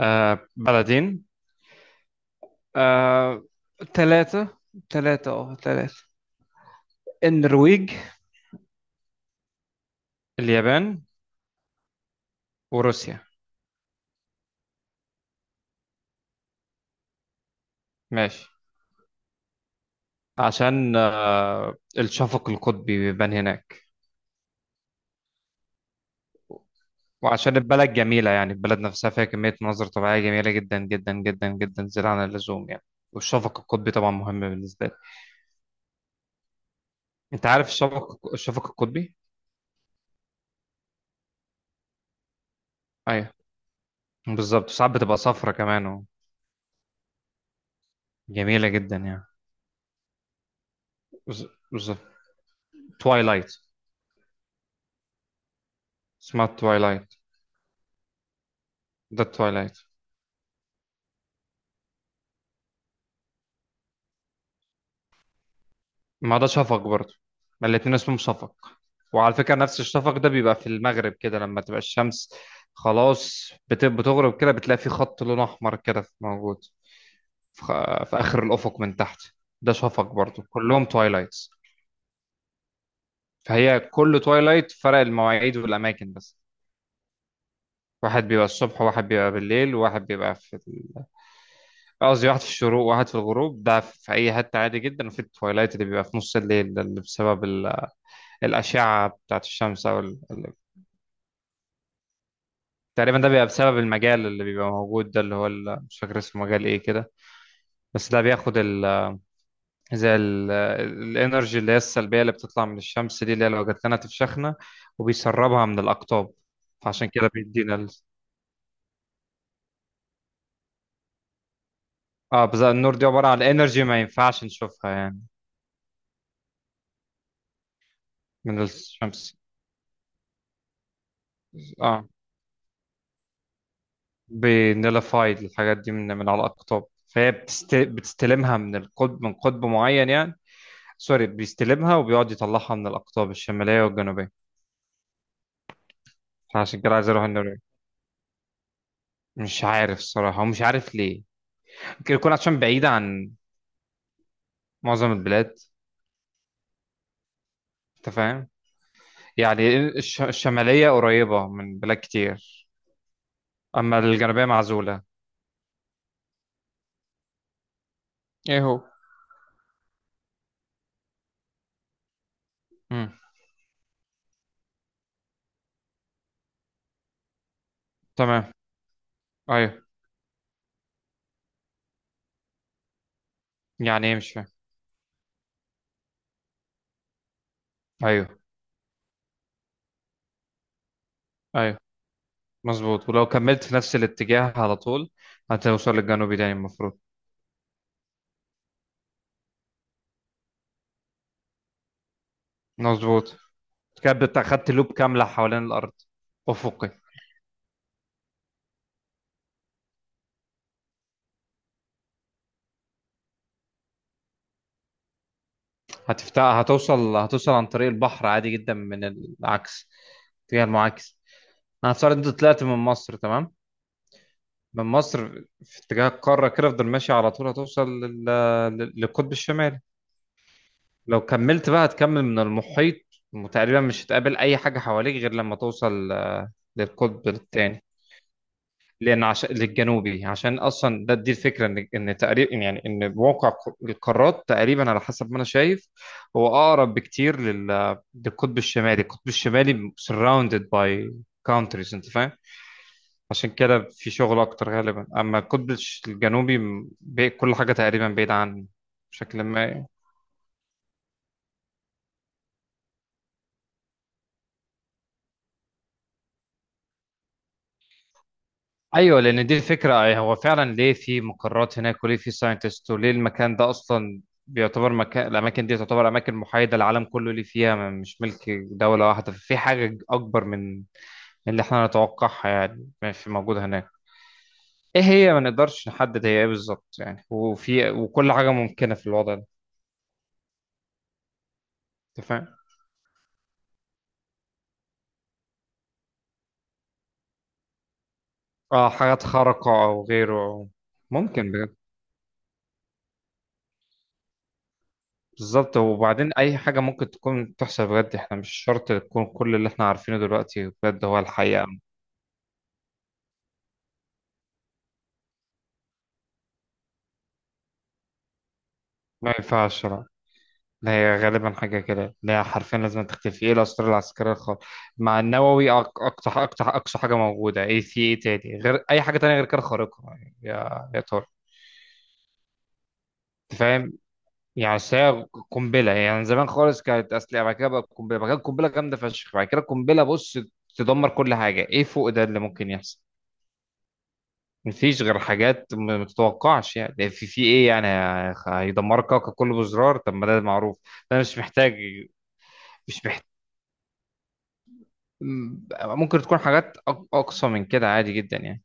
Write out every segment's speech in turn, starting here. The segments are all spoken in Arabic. بلدين. آه ثلاثة ثلاثة. النرويج، اليابان، وروسيا. ماشي. عشان الشفق القطبي بيبان هناك، وعشان البلد جميلة، يعني البلد نفسها فيها كمية مناظر طبيعية جميلة جدا جدا جدا جدا، زيادة عن اللزوم يعني. والشفق القطبي طبعا مهم بالنسبة لي. انت عارف الشفق القطبي؟ ايوه، بالظبط. ساعات بتبقى صفرة كمان، جميلة جدا يعني. بالظبط. توايلايت. اسمها توايلايت. ده التوايلايت. ما ده شفق برضه، ما الاتنين اسمهم شفق. وعلى فكرة نفس الشفق ده بيبقى في المغرب، كده لما تبقى الشمس خلاص بتغرب، كده بتلاقي في خط لون أحمر كده موجود في آخر الأفق من تحت. ده شفق برضه، كلهم توايلايتس. فهي كل توايلايت، فرق المواعيد والأماكن بس. واحد بيبقى الصبح، وواحد بيبقى بالليل، وواحد بيبقى في قصدي واحد في الشروق، وواحد في الغروب، ده في أي حتة عادي جدا. وفي التوايلايت اللي بيبقى في نص الليل ده، اللي بسبب الأشعة بتاعت الشمس، أو تقريبا ده بيبقى بسبب المجال اللي بيبقى موجود ده، اللي هو مش فاكر اسمه، مجال ايه كده. بس ده بياخد زي الانرجي اللي هي السلبية اللي بتطلع من الشمس دي، اللي هي لو جات لنا تفشخنا، وبيسربها من الأقطاب. فعشان كده بيدينا ال... اه، بس النور دي عبارة عن انرجي، ما ينفعش نشوفها يعني. من الشمس. اه، بنلفايد الحاجات دي من على الأقطاب، فهي بتستلمها من القطب، من قطب معين يعني. سوري، بيستلمها وبيقعد يطلعها من الأقطاب الشمالية والجنوبية. فعشان كده عايز أروح النرويج. مش عارف الصراحة، ومش عارف ليه. ممكن يكون عشان بعيدة عن معظم البلاد. أنت فاهم؟ يعني الشمالية قريبة من بلاد كتير، أما الجنوبية معزولة. ايه هو؟ مم. تمام. أيوه. يعني إيه؟ مش فاهم. أيوه. أيوه مظبوط. ولو كملت في نفس الاتجاه على طول هتوصل للجنوبي تاني المفروض. مظبوط. كده أنت أخدت لوب كاملة حوالين الأرض. أفقي. هتفتح، هتوصل عن طريق البحر عادي جدا من العكس، اتجاه المعاكس. انا هتصور انت طلعت من مصر، تمام. من مصر في اتجاه القاره كده، افضل ماشي على طول، هتوصل للقطب الشمالي. لو كملت بقى هتكمل من المحيط، وتقريبا مش هتقابل اي حاجه حواليك غير لما توصل للقطب الثاني. لان عشان للجنوبي، عشان اصلا ده، دي الفكره، ان تقريبا يعني، ان موقع القارات تقريبا، على حسب ما انا شايف، هو اقرب بكتير للقطب الشمالي. القطب الشمالي surrounded by countries، انت فاهم؟ عشان كده في شغل اكتر غالبا. اما القطب الجنوبي، كل حاجه تقريبا بعيده عني بشكل ما. ايوه، لان دي الفكره. أي هو فعلا ليه في مقرات هناك، وليه في ساينتست، وليه المكان ده اصلا بيعتبر مكان، الاماكن دي تعتبر اماكن محايده، العالم كله اللي فيها مش ملك دوله واحده، في حاجه اكبر من اللي احنا نتوقعها يعني. ماشي، موجوده هناك. ايه هي؟ ما نقدرش نحدد هي ايه بالظبط يعني. وفي، وكل حاجه ممكنه في الوضع ده. انت فاهم؟ اه، حاجات خارقه او غيره. ممكن بجد. بالظبط. وبعدين اي حاجه ممكن تكون تحصل بجد، احنا مش شرط تكون كل اللي احنا عارفينه دلوقتي بجد هو الحقيقه. ما ينفعش، لا. لا، هي غالبا حاجه كده، لا حرفيا لازم تختفي. ايه الاسرار العسكريه الخاصه مع النووي؟ اقصى اقصى اقصى حاجه موجوده. ايه في ايه تاني غير اي حاجه تانية غير كده خارقه يعني يا ترى؟ أنت فاهم؟ يعني أصل هي قنبله يعني، زمان خالص كانت اسلحه، بعد كده بقى قنبله، بعد كده قنبله جامده فشخ، بعد كده قنبله بص تدمر كل حاجه. ايه فوق ده اللي ممكن يحصل؟ مفيش غير حاجات ما تتوقعش يعني. في ايه يعني؟ هيدمرك كوكب كله بزرار، طب ما ده معروف، ده مش محتاج. مش محتاج. ممكن تكون حاجات اقصى من كده عادي جدا يعني.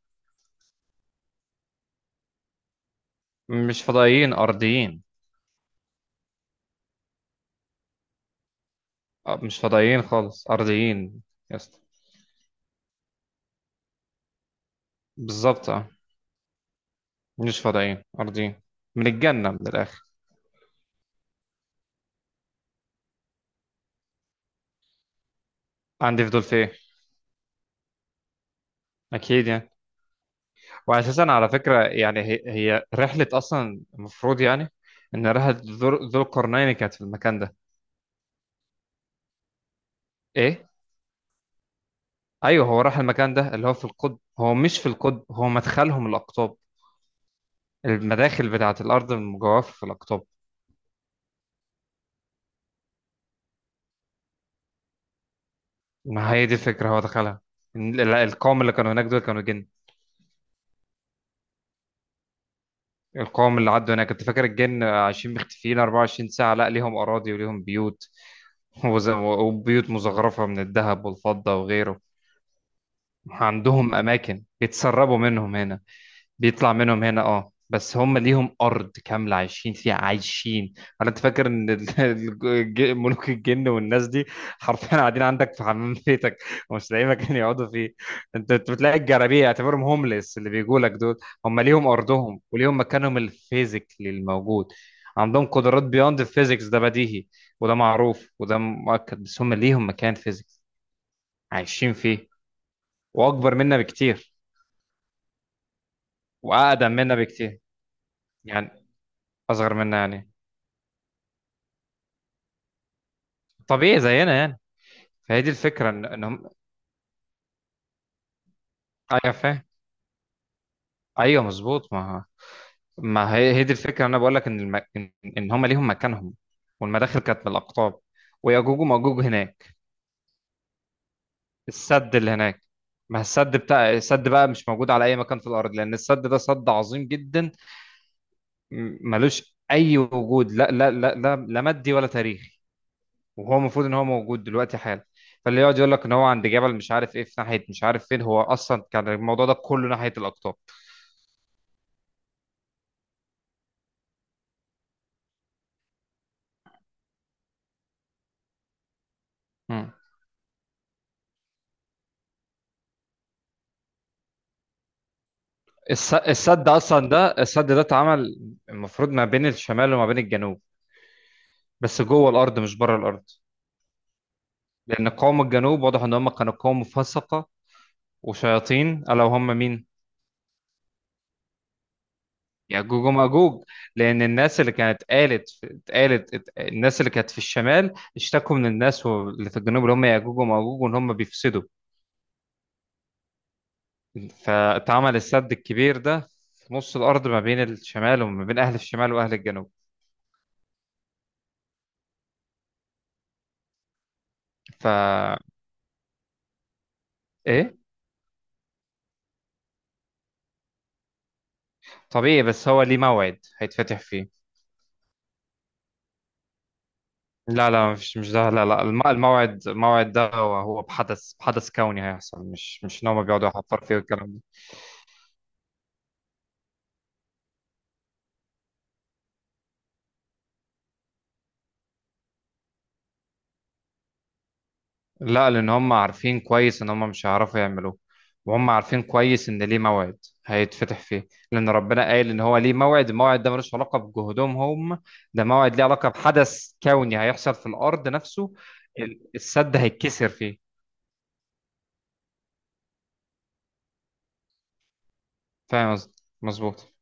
مش فضائيين، ارضيين. أه، مش فضائيين خالص، ارضيين. يا اسطى. بالظبط اه. مش فضائيين، ارضيين. من الجنة، من الاخر. عندي فضول في ايه؟ اكيد يعني. واساسا على فكرة يعني هي, رحلة اصلا المفروض يعني ان رحلة ذو القرنين كانت في المكان ده. ايه. ايوه هو راح المكان ده، اللي هو في القطب. هو مش في القطب، هو مدخلهم الاقطاب. المداخل بتاعه الارض المجوفه في الاقطاب. ما هي دي الفكره، هو دخلها. إن القوم اللي كانوا هناك دول كانوا جن. القوم اللي عدوا هناك، كنت فاكر الجن عايشين مختفيين 24 ساعه؟ لا، ليهم اراضي وليهم بيوت، وبيوت مزخرفه من الذهب والفضه وغيره. عندهم اماكن بيتسربوا منهم هنا، بيطلع منهم هنا، اه. بس هم ليهم ارض كامله عايشين فيها، عايشين. انت فاكر ان ملوك الجن والناس دي حرفيا قاعدين عندك في حمام بيتك، ومش لاقيين مكان يقعدوا فيه؟ أنت بتلاقي الجرابيع، اعتبرهم هومليس اللي بيجوا لك دول. هم ليهم ارضهم وليهم مكانهم الفيزيكلي الموجود. عندهم قدرات بيوند الفيزيكس، ده بديهي وده معروف وده مؤكد. بس هم ليهم مكان فيزيكس عايشين فيه، واكبر منا بكتير. واقدم منا بكتير. يعني اصغر منا يعني، طبيعي زينا يعني. فهي دي الفكره ان هم. ايوه فاهم. ايوه مظبوط. ما هي هي دي الفكره، انا بقول لك ان ان هم ليهم مكانهم، والمداخل كانت من الاقطاب. ويأجوج ومأجوج هناك. السد اللي هناك. ما السد بتاع السد بقى مش موجود على اي مكان في الارض، لان السد ده سد عظيم جدا، ملوش اي وجود، لا لا لا لا, لا مادي ولا تاريخي. وهو المفروض ان هو موجود دلوقتي حالا. فاللي يقعد يقول لك ان هو عند جبل، مش عارف ايه في ناحيه، مش عارف فين، هو اصلا كان الموضوع ده كله ناحيه الاقطاب. السد اصلا ده، السد ده اتعمل المفروض ما بين الشمال وما بين الجنوب، بس جوه الارض مش بره الارض. لان قوم الجنوب واضح ان هم كانوا قوم فسقه وشياطين. الا وهم مين؟ ياجوج وماجوج. لان الناس اللي كانت قالت اتقالت الناس اللي كانت في الشمال اشتكوا من الناس اللي في الجنوب اللي هم ياجوج وماجوج، وان هم بيفسدوا. فاتعمل السد الكبير ده في نص الارض، ما بين الشمال وما بين اهل الشمال واهل الجنوب. ف. ايه. طبيعي، بس هو ليه موعد هيتفتح فيه. لا لا، مش ده. لا لا، الموعد. الموعد ده هو هو بحدث كوني هيحصل، مش ان هم بيقعدوا يحفروا فيه والكلام ده. لا، لان هم عارفين كويس ان هم مش هيعرفوا يعملوه، وهم عارفين كويس ان ليه موعد هيتفتح فيه. لان ربنا قال ان هو ليه موعد. الموعد ده ملوش علاقه بجهودهم هم. ده موعد ليه علاقه بحدث كوني هيحصل في الارض نفسه. السد هيتكسر فيه. فاهم قصدي؟ مظبوط.